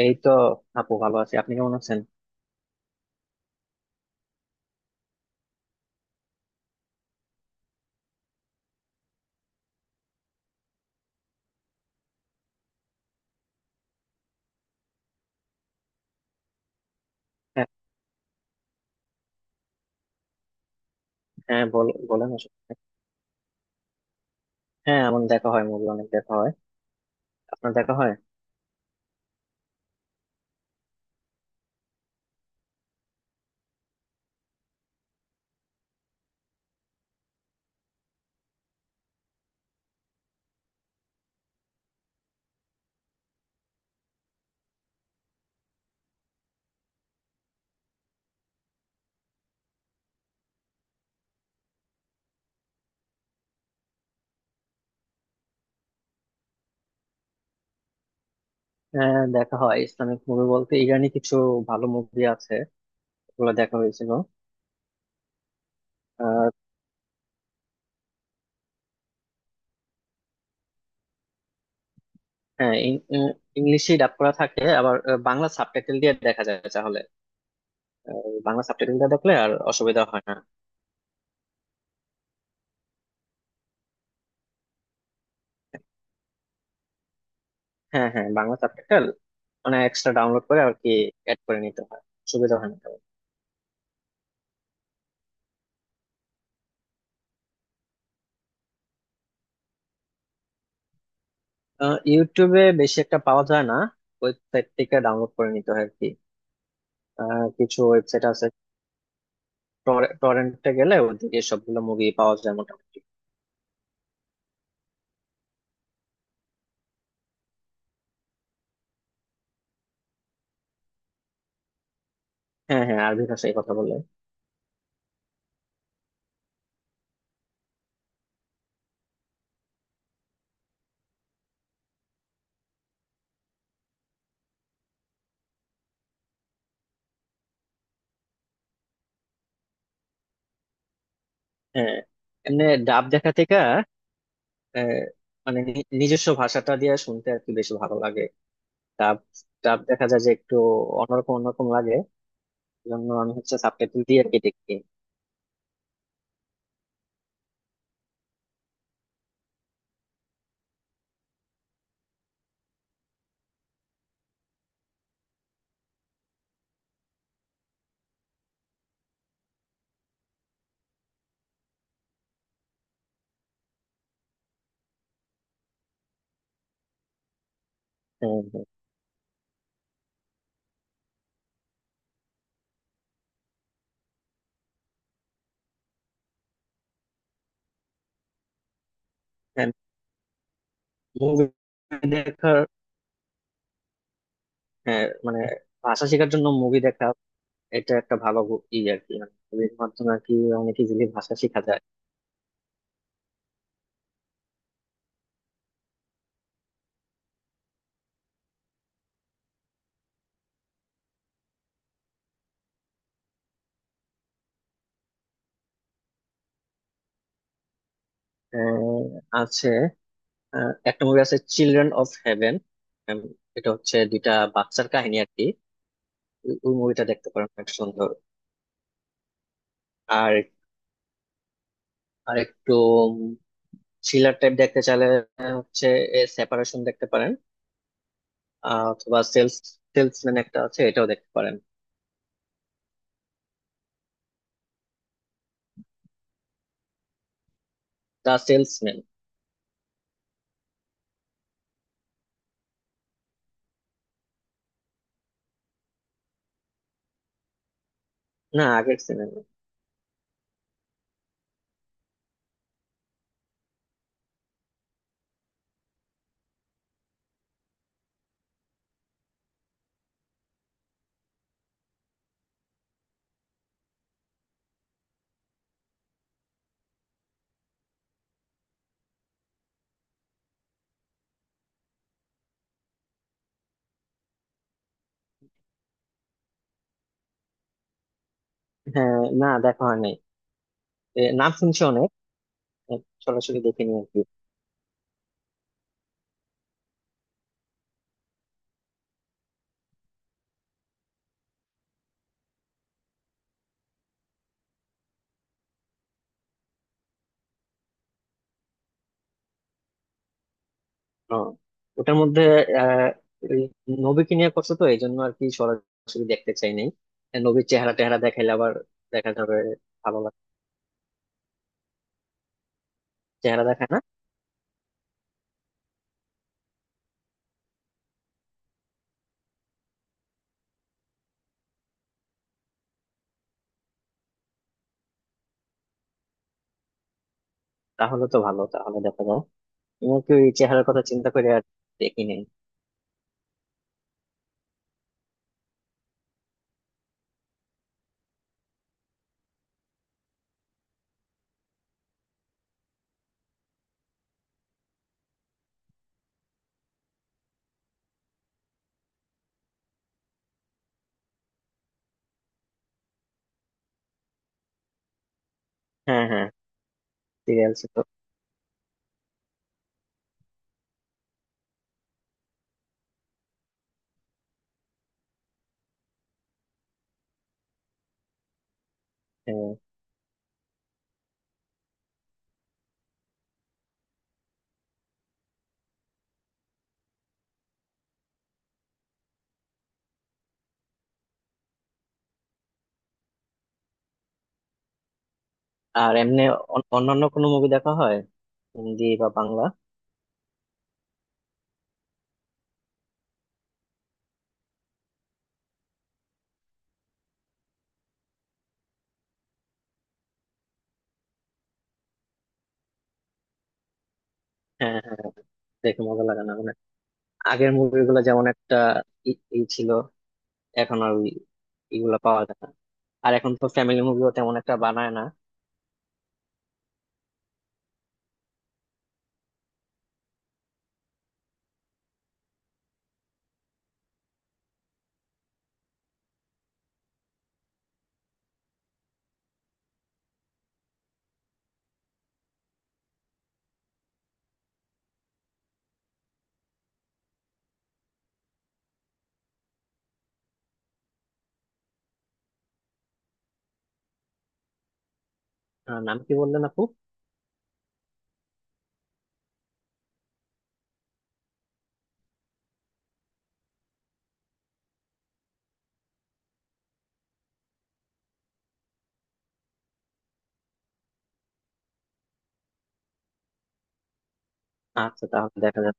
এই তো আপু, ভালো আছি। আপনি কেমন আছেন? হ্যাঁ, হ্যাঁ বলেন আসলে। হ্যাঁ, আমার দেখা হয়, মুভি অনেক দেখা হয়। আপনার দেখা হয়? হ্যাঁ, দেখা হয়। ইসলামিক মুভি বলতে ইরানি কিছু ভালো মুভি আছে, ওগুলো দেখা হয়েছিল। আর হ্যাঁ, ইংলিশে ডাব করা থাকে, আবার বাংলা সাবটাইটেল দিয়ে দেখা যায় তাহলে। বাংলা সাবটাইটেল দিয়ে দেখলে আর অসুবিধা হয় না। হ্যাঁ, হ্যাঁ, বাংলা সাবটাইটেল মানে এক্সট্রা ডাউনলোড করে আর কি, অ্যাড করে নিতে হয়। সুবিধা হয় না তেমন। ইউটিউবে বেশি একটা পাওয়া যায় না, ওয়েবসাইট থেকে ডাউনলোড করে নিতে হয়। আহ, কিছু ওয়েবসাইট আছে। টরেন্টে গেলে ওদিকে সবগুলো মুভি পাওয়া যায় মোটামুটি। হ্যাঁ, হ্যাঁ, আরবি ভাষায় কথা বলে। হ্যাঁ, এমনি ডাব দেখা থেকে আহ, মানে নিজস্ব ভাষাটা দিয়ে শুনতে আর কি বেশি ভালো লাগে। ডাব, ডাব দেখা যায় যে একটু অন্যরকম অন্যরকম লাগে, জন্য আমি হচ্ছে সাবটাইটেল দিয়ে আর কি দেখি। হ্যাঁ, হ্যাঁ, মুভি দেখার। হ্যাঁ, মানে ভাষা শেখার জন্য মুভি দেখা, এটা একটা ভালো ই আর কি, মুভির মাধ্যমে আর কি অনেক ইজিলি ভাষা শেখা যায়। আহ, আছে। আহ, একটা মুভি আছে, চিলড্রেন অফ হেভেন। এটা হচ্ছে দুইটা বাচ্চার কাহিনী আর কি। ওই ওই মুভিটা দেখতে পারেন, অনেক সুন্দর। আর, আর একটু থ্রিলার টাইপ দেখতে চাইলে আহ, হচ্ছে সেপারেশন দেখতে পারেন। আহ, অথবা সেলস, সেলসম্যান একটা আছে, এটাও দেখতে পারেন। দা সেলসম্যান। না, আগের সিনেমা। হ্যাঁ, না দেখা হয় নাই। এ, নাম শুনছি অনেক, সরাসরি দেখিনি আর কি। ও, ওটার মধ্যে আহ, ওই নবীকে নিয়ে করছে, তো এই জন্য আর কি সরাসরি দেখতে চাই নাই। আর নবীর চেহারা টেহারা দেখাইলে আবার দেখা যাবে, ভালো লাগে। চেহারা দেখায় না? তাহলে তো ভালো, তাহলে দেখা যাও। তোমার কি ওই চেহারার কথা চিন্তা করে আর দেখি নাই। হ্যাঁ, হ্যাঁ, সিরিয়াল ছিল। হ্যাঁ। আর এমনি অন্যান্য কোনো মুভি দেখা হয়, হিন্দি বা বাংলা? হ্যাঁ, হ্যাঁ, হ্যাঁ, দেখে মজা লাগে না মানে। আগের মুভিগুলো যেমন একটা ই, ই ছিল, এখন আর এগুলা পাওয়া যায় না। আর এখন তো ফ্যামিলি মুভিও তেমন একটা বানায় না। আহ, নাম কি বললেন আপু? আচ্ছা, তাহলে দেখা যাক।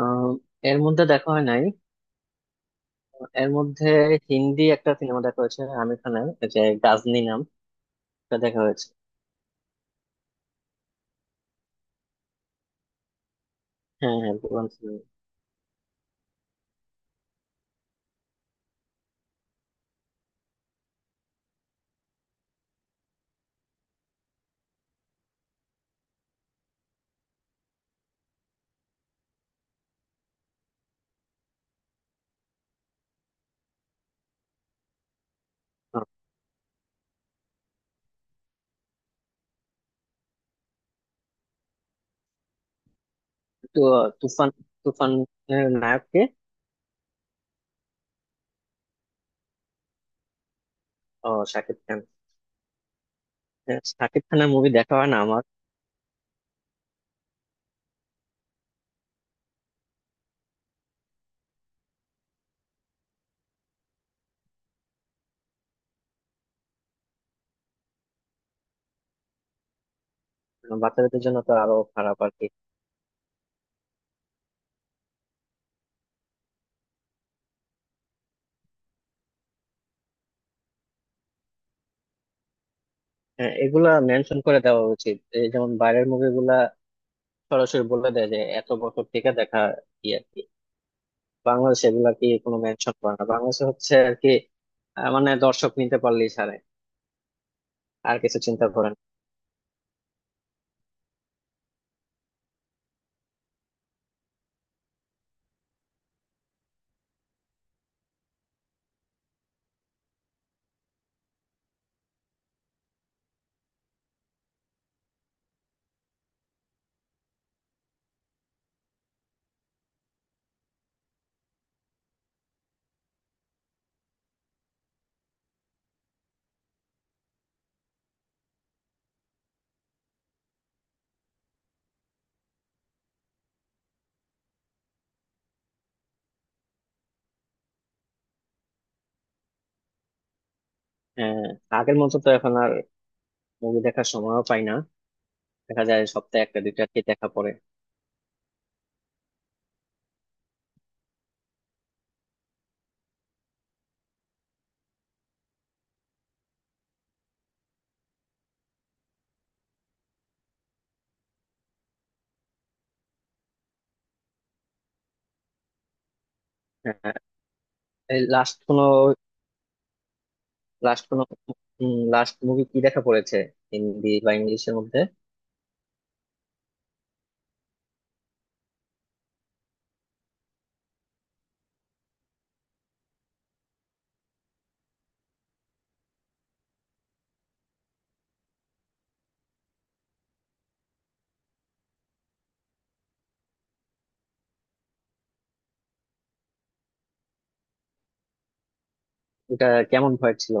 আহ, এর মধ্যে দেখা হয় নাই। এর মধ্যে হিন্দি একটা সিনেমা দেখা হয়েছে আমির খানের, যে গাজনি নাম, এটা দেখা হয়েছে। হ্যাঁ, হ্যাঁ, পুরান সিনেমা। আহ, তো তুফান, তুফান এর নায়ক কে? ও, শাকিব খান। হ্যাঁ, শাকিব খানের মুভি দেখা হয় না আমার। বাচ্চাদের জন্য তো আরো খারাপ আর কি। হ্যাঁ, এগুলা মেনশন করে দেওয়া উচিত। এই যেমন বাইরের মুভিগুলা সরাসরি বলে দেয় যে এত বছর থেকে দেখা, ইয়ে, বাংলাদেশে এগুলা কি কোনো মেনশন করে না? বাংলাদেশে হচ্ছে আর কি আহ, মানে দর্শক নিতে পারলেই ছাড়ে। আর কিছু চিন্তা করেন। আহ, আগের মতো তো এখন আর মুভি দেখার সময়ও পাই না। দেখা যায় সপ্তাহে একটা দুইটা কি দেখা পড়ে। আহ, এই লাস্ট কোনো, লাস্ট কোনো, লাস্ট মুভি কি দেখা পড়েছে হিন্দি বা ইংলিশের মধ্যে? এটা কেমন ভয় ছিল?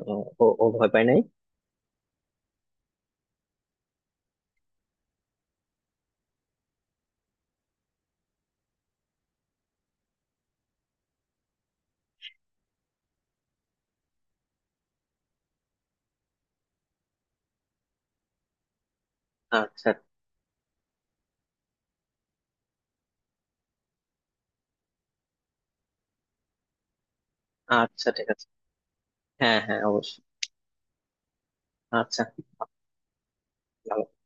আহ, ও ও ভয় পায় নাই? আচ্ছা। আচ্ছা, ঠিক আছে। হ্যাঁ, হ্যাঁ, অবশ্যই। আচ্ছা। ভালো